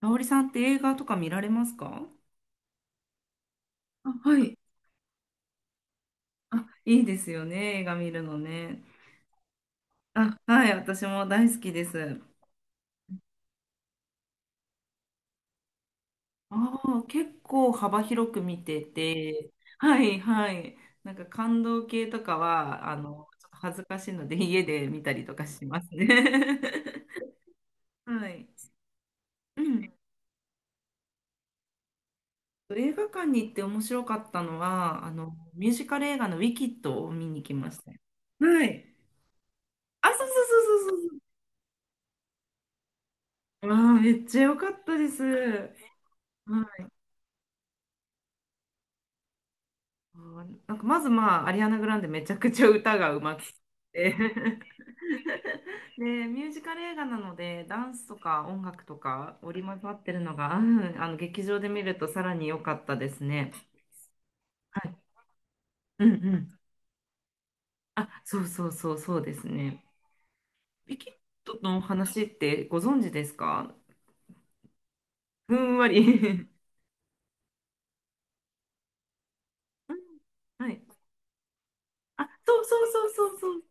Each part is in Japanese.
香織さんって映画とか見られますか？あ、はい。あ、いいですよね、映画見るのね。あ、はい、私も大好きです。ああ、結構幅広く見てて。はいはい。なんか感動系とかは、ちょっと恥ずかしいので家で見たりとかしますね。はい。うん。映画館に行って面白かったのは、ミュージカル映画のウィキッドを見に来ましたよ。はい。あ、そうそうそうそう。ああ、めっちゃ良かったです。はい。うなんかまずまあ、アリアナ・グランデめちゃくちゃ歌がうまくて。で、ミュージカル映画なので、ダンスとか音楽とか織り交ざってるのが、劇場で見るとさらに良かったですね。はい。うんうん。あ、そうそうそうそうですね。ピキットのお話ってご存知ですか？ふんわり。 うん。はい。あ、そうそうそうそう。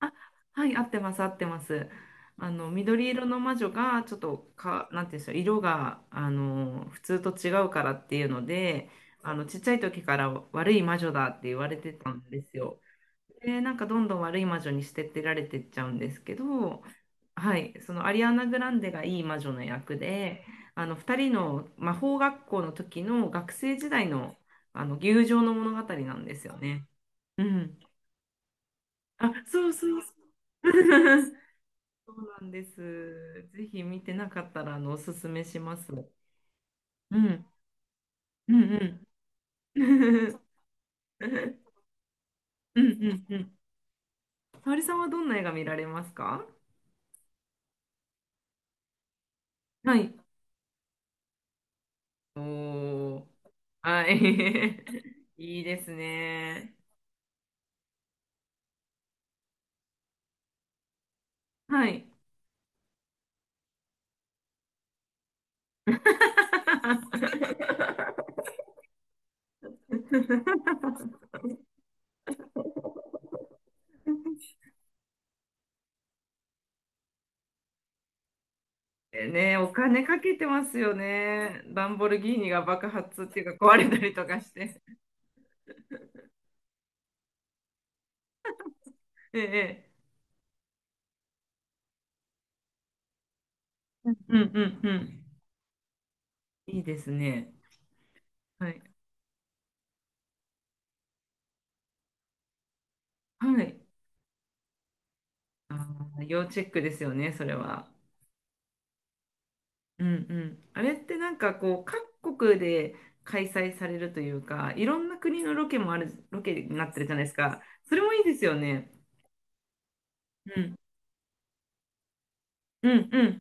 あ、はい、合ってます、合ってます。緑色の魔女が、ちょっとか、なんていうんでしょう、色が、普通と違うからっていうので、ちっちゃい時から悪い魔女だって言われてたんですよ。で、なんかどんどん悪い魔女に捨ててられてっちゃうんですけど、はい、そのアリアナ・グランデがいい魔女の役で、二人の魔法学校の時の学生時代の、友情の物語なんですよね。うん。あ、そうそうそう。そうなんです。ぜひ見てなかったら、おすすめします。うん、うん、うん。うん、うん、うん。沙織さんはどんな映画見られますか？はい。おー。はい。いいですね。はい。ね、お金かけてますよね。ランボルギーニが爆発っていうか壊れたりとかして。ええ。うんうんうん。いいですね。はい。はい。あー、要チェックですよね、それは。うんうん。あれってなんかこう、各国で開催されるというか、いろんな国のロケになってるじゃないですか。それもいいですよね。うん。うんう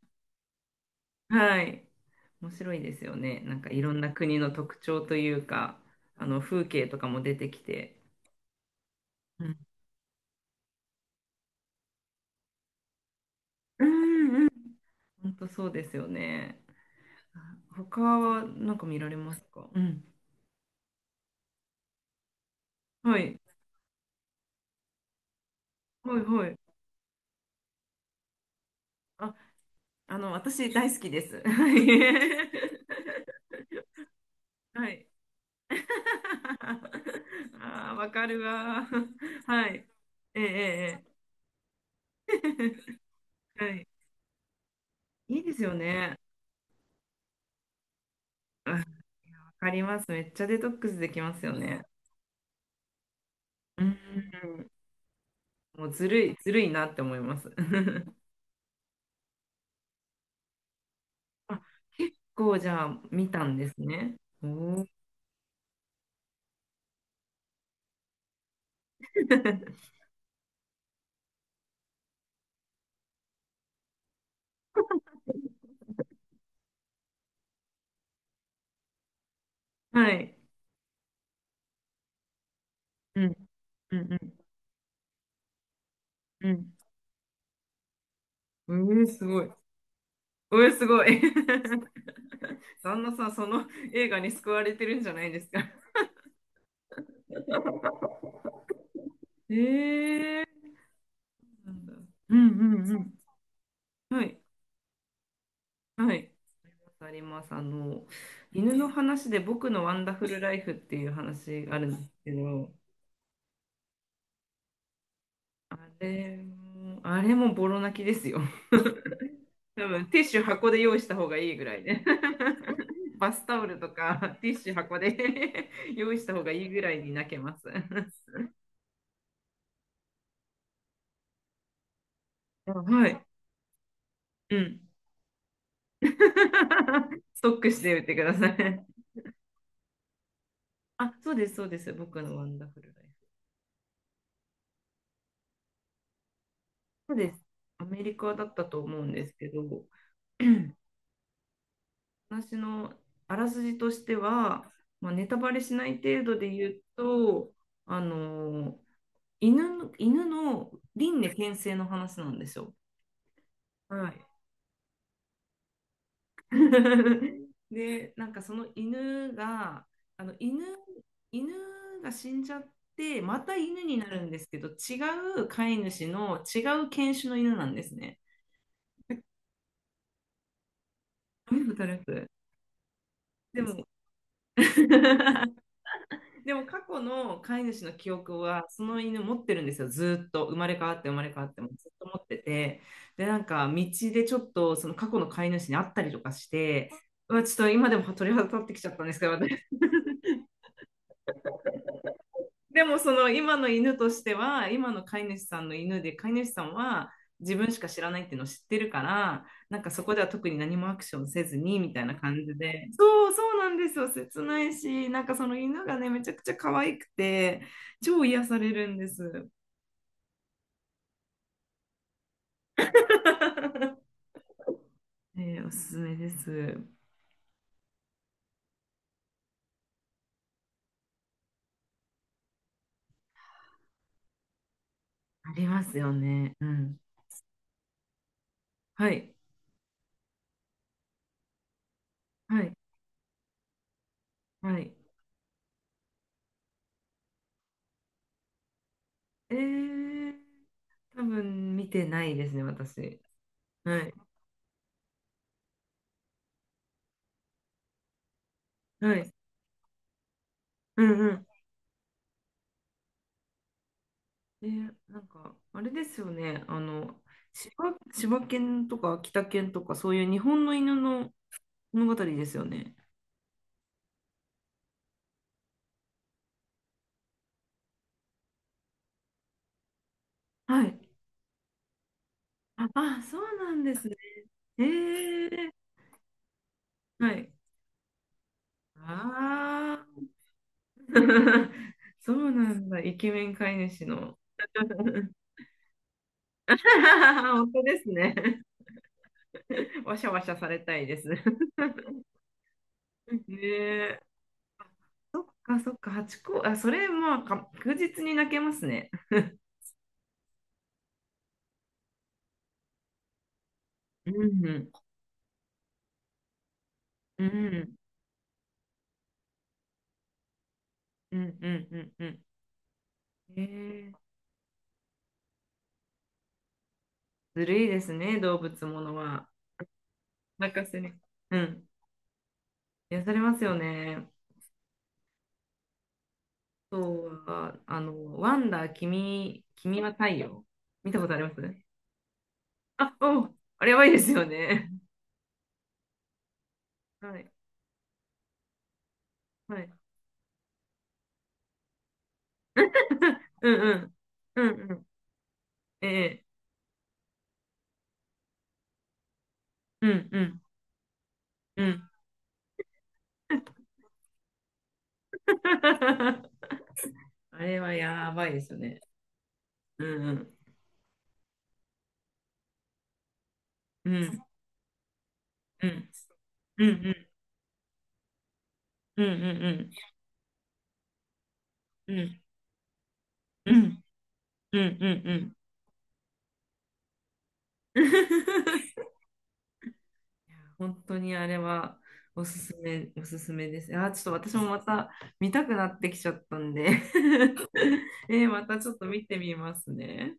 ん。はい。面白いですよね。なんかいろんな国の特徴というか、あの風景とかも出てきて。うん。うんうん。本当そうですよね。他はなんか見られますか？うん。はい。はいはい。あ、私大好きです。はい。ああ、わかるわ。はい。ええ、ええ。ええ はい。いいですよね。あ、わかります。めっちゃデトックスできますよね。うん。もうずるい、ずるいなって思います。あ、結構じゃあ見たんですね。おお。はい。うん。うんうんうん。うえすごい。うえすごい。旦那さん、その映画に救われてるんじゃないですか？ええ。うんだ。うんうん。はい、はい。あります。犬の話で僕のワンダフルライフっていう話があるんですけど、あれも、あれもボロ泣きですよ。多分ティッシュ箱で用意した方がいいぐらいね。バスタオルとかティッシュ箱で 用意した方がいいぐらいに泣けます。あ、はい。うん。ストックしておいてください。あ、そうです、そうです。僕のワンダフルライフ。そうです。アメリカだったと思うんですけど、私のあらすじとしては、まあ、ネタバレしない程度で言うと、あのー犬の輪廻転生の話なんですよ。はい。で、なんかその犬が、あの犬、犬が死んじゃって、また犬になるんですけど、違う飼い主の違う犬種の犬なんですね。目働く。でも、でも過去の飼い主の記憶はその犬持ってるんですよ、ずーっと生まれ変わって生まれ変わってもずっと持ってて、で、なんか道でちょっとその過去の飼い主に会ったりとかして、うわちょっと今でも鳥肌立ってきちゃったんですけど、私でもその今の犬としては、今の飼い主さんの犬で、飼い主さんは自分しか知らないっていうのを知ってるから、なんかそこでは特に何もアクションせずにみたいな感じで、そうそうなんですよ、切ないし、なんかその犬がね、めちゃくちゃ可愛くて、超癒されるんです。おすすめです。ありますよね。うん。はい。はい。はい。えー、多分見てないですね、私。はい。はい。うんうん。ね、なんか、あれですよね、柴、柴犬とか北犬とか、そういう日本の犬の物語ですよね。はい。あ、あ、そうなんですね。えー、はい。ああ、そうなんだ、イケメン飼い主の。本当ですね。わしゃわしゃされたいです。ねえ、そっかそっか、八個、あ、それ、まあ、確実に泣けますね。うん、うん。うんうんうんうん。ええ、ずるいですね、動物ものは。任せに。うん。癒されますよね。そうは、ワンダー、君は太陽。見たことあります？あ、おう、あれやばいですよね。はい。はい。うんうん。うんうん。ええ。うんうんうん。あれはやばいですよね。うんうん。うんうん。うんうんうんうんうんうんうんうんうんうんうん。いや、本当にあれはおすすめ、おすすめです。あー、ちょっと私もまた見たくなってきちゃったんで またちょっと見てみますね。